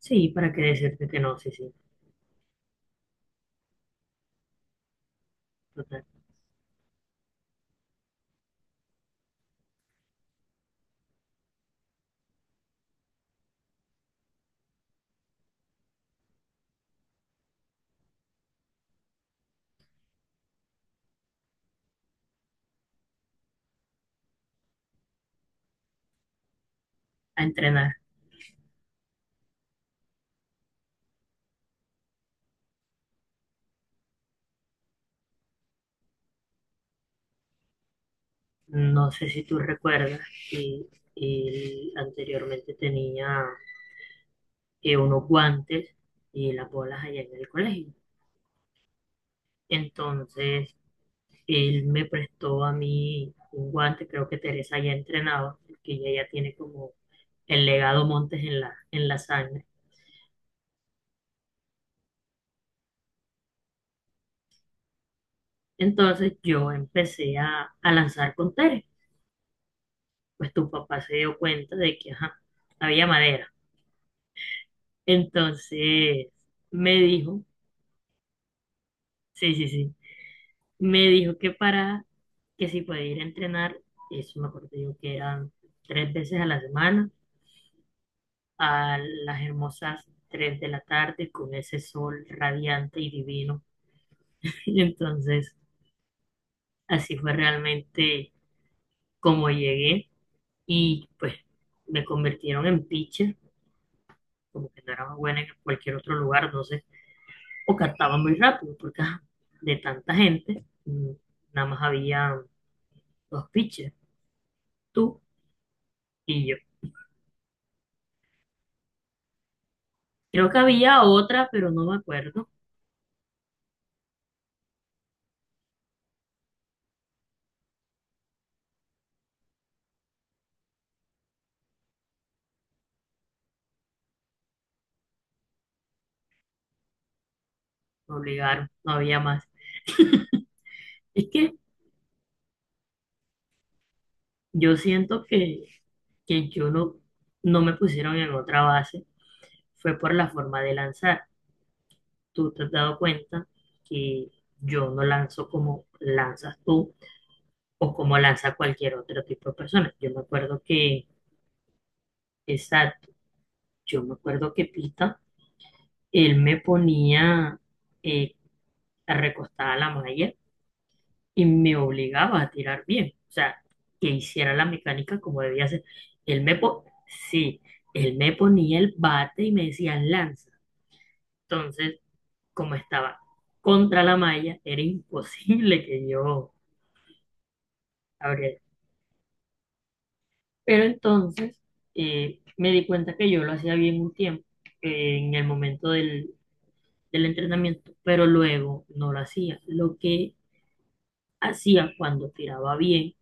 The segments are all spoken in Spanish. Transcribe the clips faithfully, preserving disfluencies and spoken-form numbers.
Sí, para qué decirte que no, sí, sí, total. A entrenar. No sé si tú recuerdas que él anteriormente tenía eh, unos guantes y las bolas allá en el colegio. Entonces, él me prestó a mí un guante, creo que Teresa ya entrenaba, porque ella ya tiene como el legado Montes en la, en la sangre. Entonces, yo empecé a, a lanzar con Tere. Pues tu papá se dio cuenta de que, ajá, había madera. Entonces me dijo, sí, sí, sí, me dijo que para que si podía ir a entrenar, eso me acuerdo yo que eran tres veces a la semana, a las hermosas tres de la tarde con ese sol radiante y divino. Y entonces así fue realmente como llegué y pues me convirtieron en pitcher, como que no era más buena en cualquier otro lugar, no sé, o cantaba muy rápido porque ajá, de tanta gente, mm, nada más había los pitchers tú y yo. Creo que había otra, pero no me acuerdo. Me obligaron, no había más. Es que yo siento que, que yo no, no me pusieron en otra base. Fue por la forma de lanzar. Tú te has dado cuenta que yo no lanzo como lanzas tú o como lanza cualquier otro tipo de persona. Yo me acuerdo que, exacto, yo me acuerdo que Pita, él me ponía eh, recostada a la malla y me obligaba a tirar bien, o sea, que hiciera la mecánica como debía ser. Él me, po- sí, él me ponía el bate y me decía lanza. Entonces, como estaba contra la malla, era imposible que yo abriera. Pero entonces eh, me di cuenta que yo lo hacía bien un tiempo, eh, en el momento del, del entrenamiento, pero luego no lo hacía. Lo que hacía cuando tiraba bien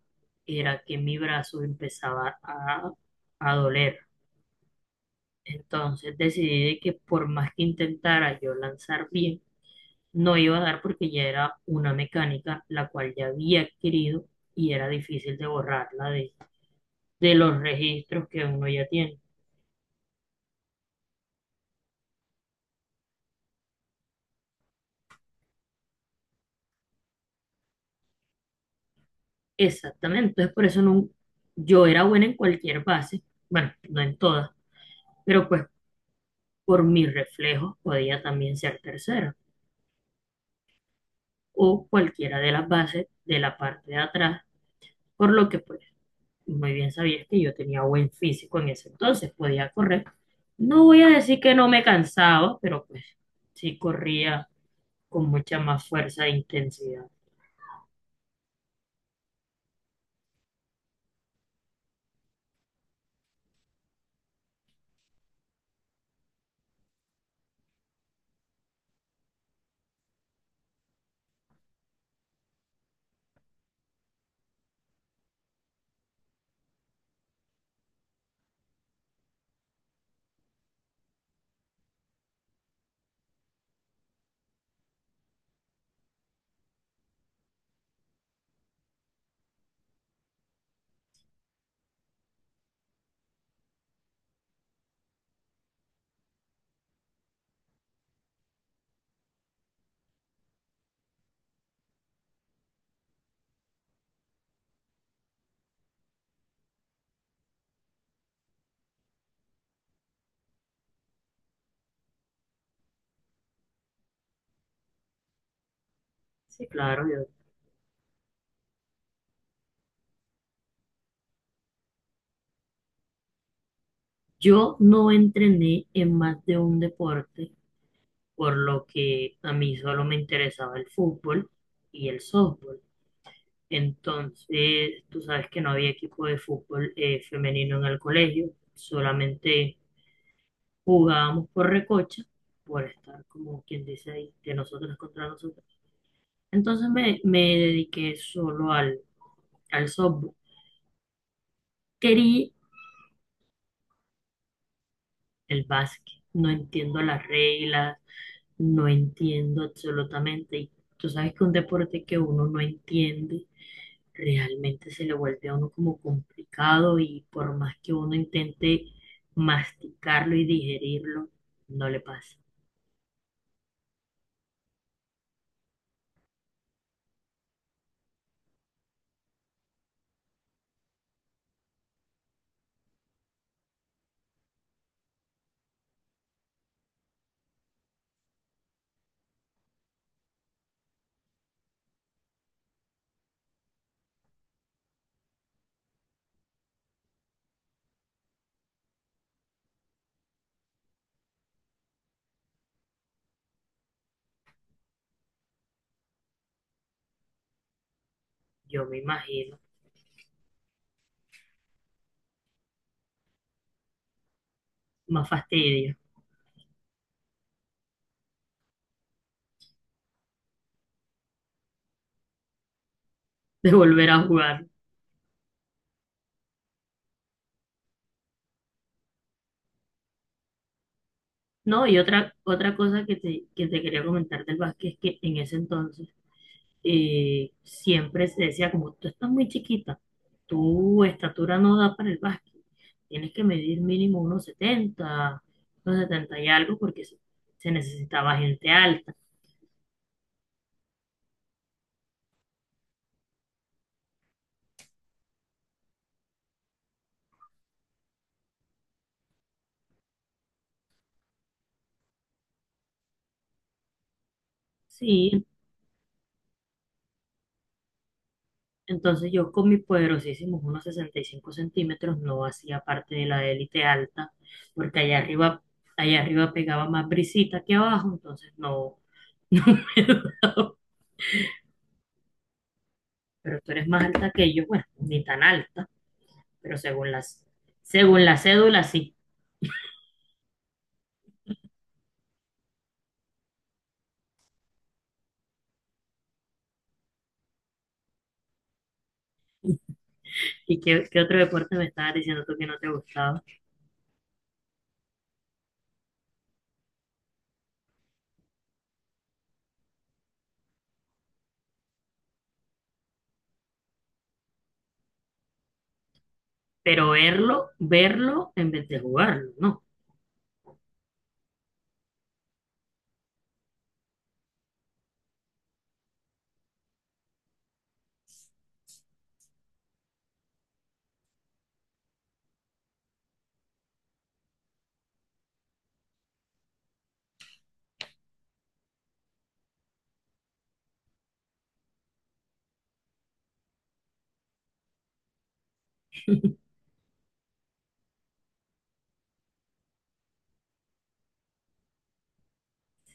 era que mi brazo empezaba a, a doler. Entonces decidí de que por más que intentara yo lanzar bien, no iba a dar porque ya era una mecánica la cual ya había adquirido y era difícil de borrarla de, de los registros que uno ya tiene. Exactamente, entonces por eso no, yo era buena en cualquier base, bueno, no en todas, pero pues por mis reflejos podía también ser tercera o cualquiera de las bases de la parte de atrás, por lo que pues muy bien sabías que yo tenía buen físico en ese entonces, podía correr. No voy a decir que no me cansaba, pero pues sí corría con mucha más fuerza e intensidad. Sí, claro, yo, yo no entrené en más de un deporte, por lo que a mí solo me interesaba el fútbol y el softball. Entonces, tú sabes que no había equipo de fútbol eh, femenino en el colegio, solamente jugábamos por recocha, por estar como quien dice ahí, de nosotros contra nosotros. Entonces me, me dediqué solo al, al softball. Quería el básquet, no entiendo las reglas, no entiendo absolutamente. Y tú sabes que un deporte que uno no entiende, realmente se le vuelve a uno como complicado y por más que uno intente masticarlo y digerirlo, no le pasa. Yo me imagino más fastidio de volver a jugar. No, y otra, otra cosa que te, que te quería comentar del básquet es que en ese entonces eh, siempre se decía como tú estás muy chiquita, tu estatura no da para el básquet, tienes que medir mínimo unos setenta unos setenta y algo porque se, se necesitaba gente alta. Sí, entonces yo con mis poderosísimos unos sesenta y cinco centímetros no hacía parte de la élite alta, porque allá arriba, allá arriba pegaba más brisita que abajo, entonces no, no me daba. Pero tú eres más alta que yo, bueno, ni tan alta, pero según las, según la cédula sí. ¿Y qué, qué otro deporte me estabas diciendo tú que no te gustaba? Pero verlo, verlo en vez de jugarlo, ¿no?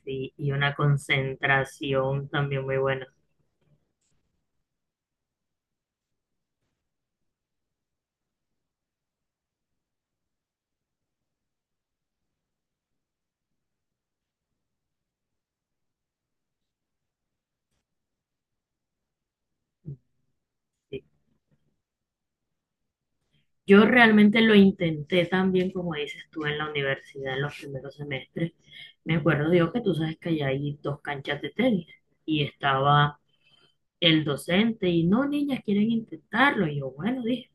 Sí, y una concentración también muy buena. Sí. Yo realmente lo intenté también, como dices tú, en la universidad, en los primeros semestres. Me acuerdo, digo, que tú sabes que allá hay dos canchas de tenis y estaba el docente y no, niñas, quieren intentarlo. Y yo, bueno, dije,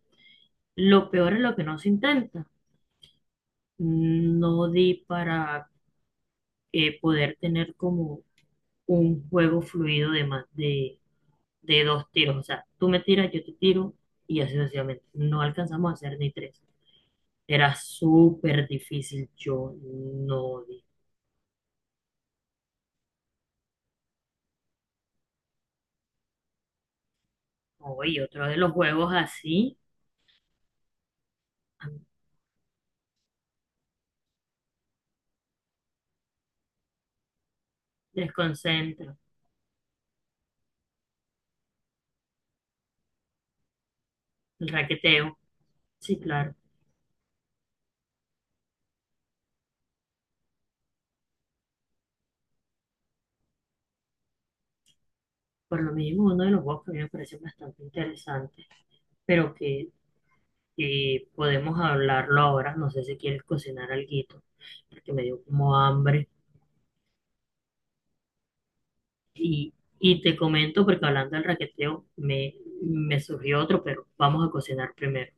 lo peor es lo que no se intenta. No di para eh, poder tener como un juego fluido de más de, de dos tiros. O sea, tú me tiras, yo te tiro y así sucesivamente. No alcanzamos a hacer ni tres. Era súper difícil, yo no di. Oye, otro de los juegos así, desconcentra, el raqueteo. Sí, claro. Por lo mismo, uno de los juegos que a mí me parece bastante interesante, pero que eh, podemos hablarlo ahora. No sé si quieres cocinar alguito, porque me dio como hambre. Y, y te comento, porque hablando del raqueteo, me, me surgió otro, pero vamos a cocinar primero.